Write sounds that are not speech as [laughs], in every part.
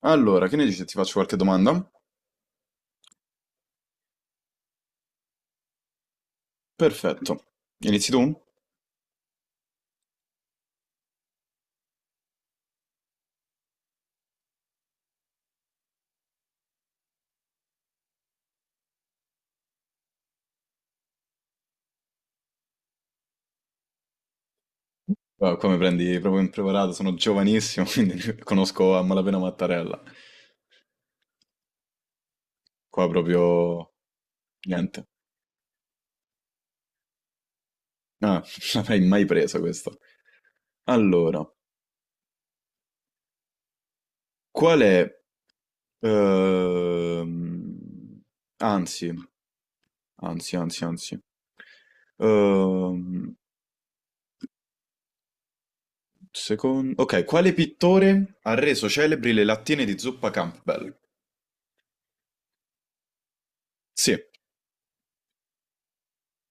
Allora, che ne dici se ti faccio qualche domanda? Perfetto. Inizi tu? Ah, qua mi prendi proprio impreparato, sono giovanissimo, [laughs] quindi conosco a malapena Mattarella. Qua proprio niente. Ah, [laughs] non l'avrei mai preso questo. Allora, qual è... ehm, Anzi, anzi. Ehm, Ok, quale pittore ha reso celebri le lattine di zuppa Campbell? Sì,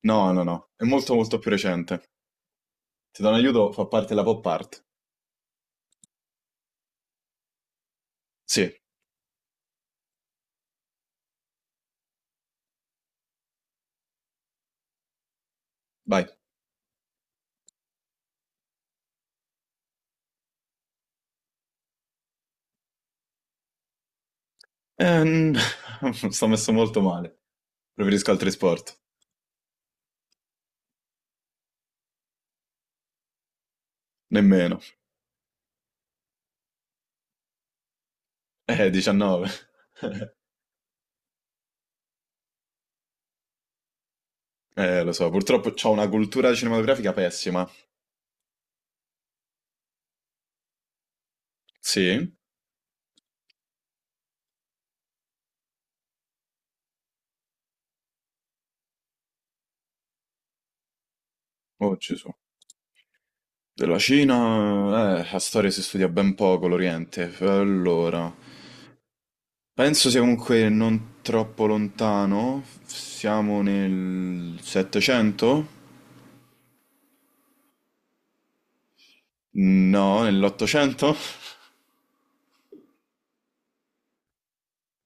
no, no, no, è molto molto più recente. Ti do un aiuto, fa parte della pop art. Sì, vai. Ehm, [laughs] sto messo molto male. Preferisco altri sport. Nemmeno. 19. Lo so, purtroppo ho una cultura cinematografica pessima. Sì? Oh, Gesù. Della Cina, la storia si studia ben poco, l'Oriente. Allora, penso sia comunque non troppo lontano. Siamo nel 700? No, nell'800?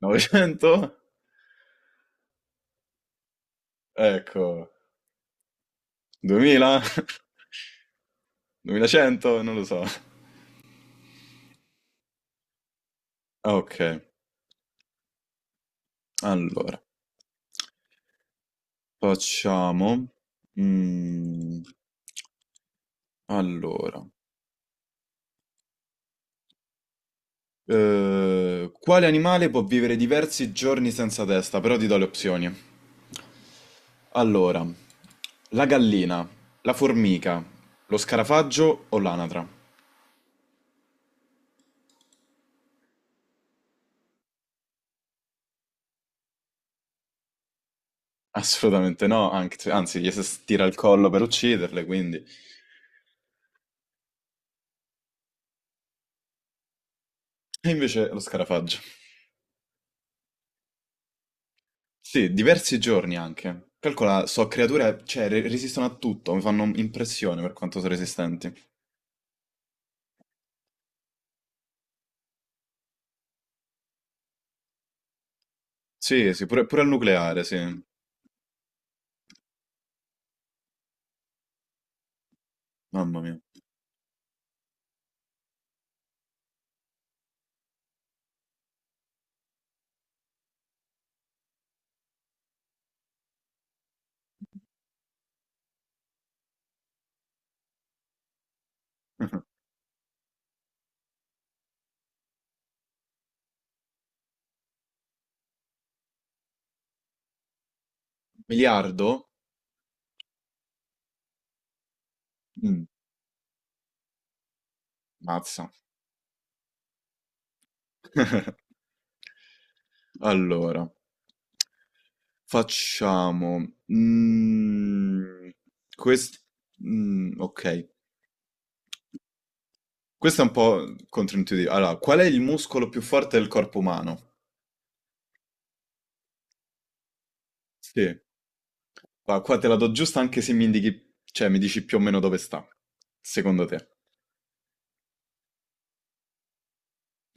900? [laughs] Ecco. 2000? 2100? [laughs] Non lo so. Ah, ok, allora facciamo. mm, allora, quale animale può vivere diversi giorni senza testa? Però ti do le opzioni. Allora, la gallina, la formica, lo scarafaggio o l'anatra? Assolutamente no, anzi, gli si stira il collo per ucciderle, quindi. E invece lo scarafaggio. Sì, diversi giorni anche. Calcola, so creature, cioè, resistono a tutto, mi fanno impressione per quanto sono resistenti. Sì, sì, pure, pure al nucleare, sì. Mamma mia. [laughs] Miliardo? Mm, mazza. [laughs] Allora, facciamo... mm, quest- ok, questo è un po' controintuitivo. Allora, qual è il muscolo più forte del corpo umano? Sì. Qua, qua te la do giusta anche se mi indichi, cioè mi dici più o meno dove sta, secondo te.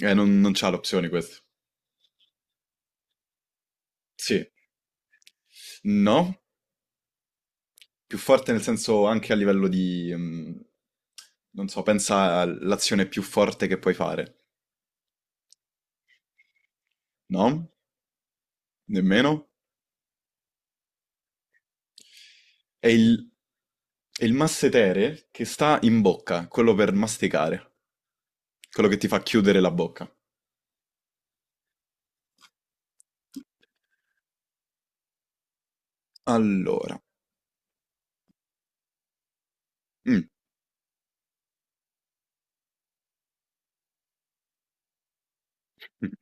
Non c'ha l'opzione questo. Sì, no, più forte nel senso anche a livello di, non so, pensa all'azione più forte che puoi fare. No, nemmeno. È è il massetere che sta in bocca, quello per masticare, quello che ti fa chiudere la bocca. Allora, mm, mm.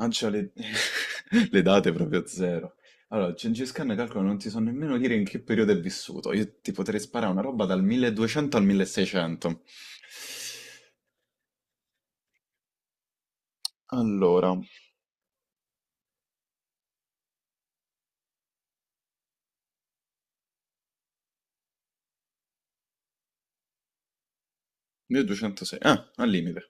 Lancia le, [laughs] le date proprio a zero. Allora, Gengis Khan, calcolo, non ti so nemmeno dire in che periodo è vissuto. Io ti potrei sparare una roba dal 1200 al 1600. Allora, 1206. Ah, al limite.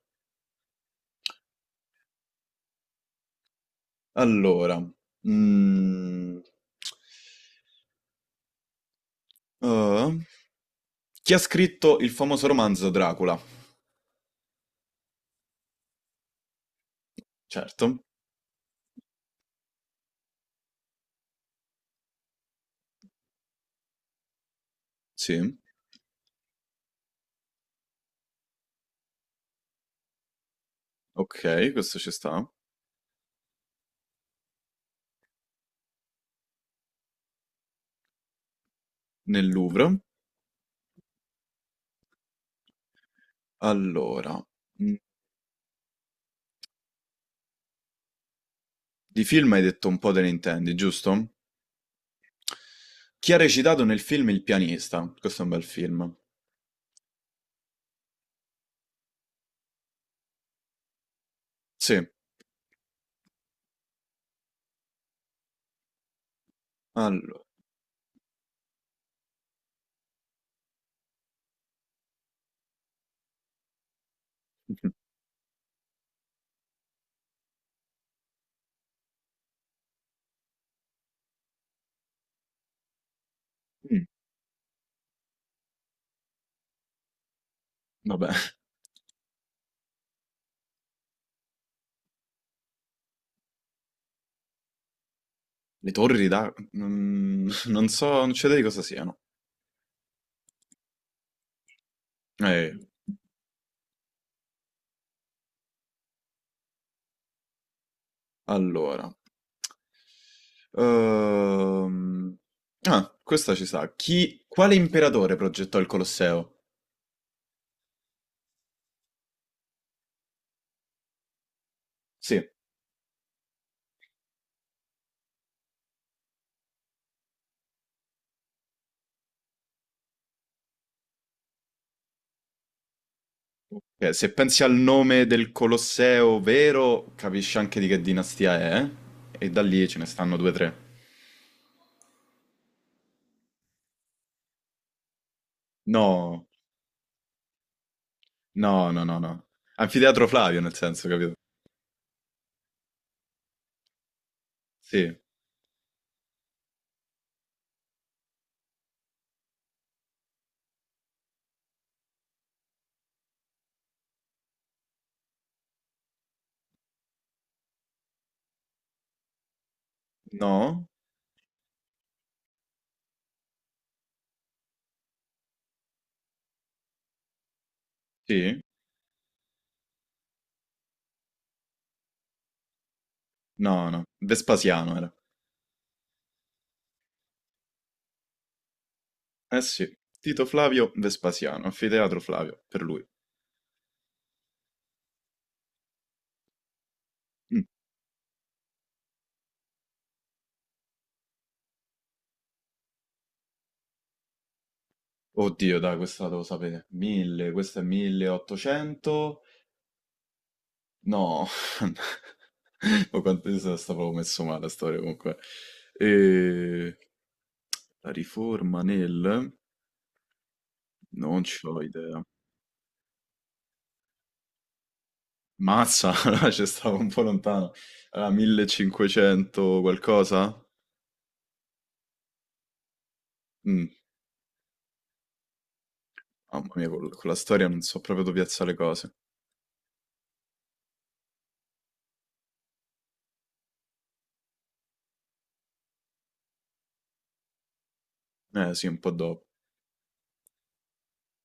Allora, mm, eh, Chi ha scritto il famoso romanzo Dracula? Certo, sì. Ok, questo ci sta. Nel Louvre. Allora, mm, di film hai detto un po' te ne intendi, giusto? Chi ha recitato nel film Il pianista? Questo è un bel film. Sì, allo- mm, vabbè, le torri da... non so, non c'è idea di cosa siano. Eh, allora... Ehm, Ah, questa ci sa. Quale imperatore progettò il Colosseo? Sì, se pensi al nome del Colosseo vero, capisci anche di che dinastia è, eh? E da lì ce ne stanno due o tre. No. No, no, no, no. Anfiteatro Flavio, nel senso, capito? Sì. No? Sì? No, no. Vespasiano era. Eh sì. Tito Flavio Vespasiano, anfiteatro Flavio, per lui. Mm. Oddio, dai, questa devo sapere. 1000, questo è 1800. No. [laughs] O quanto io stavo messo male la storia comunque. E... La riforma nel... Non ce l'ho idea. Mazza, [laughs] allora ci stavo un po' lontano. Allora, 1500 qualcosa? Mm, mamma mia, con, la storia non so proprio dove piazzare le cose. Eh sì, un po' dopo.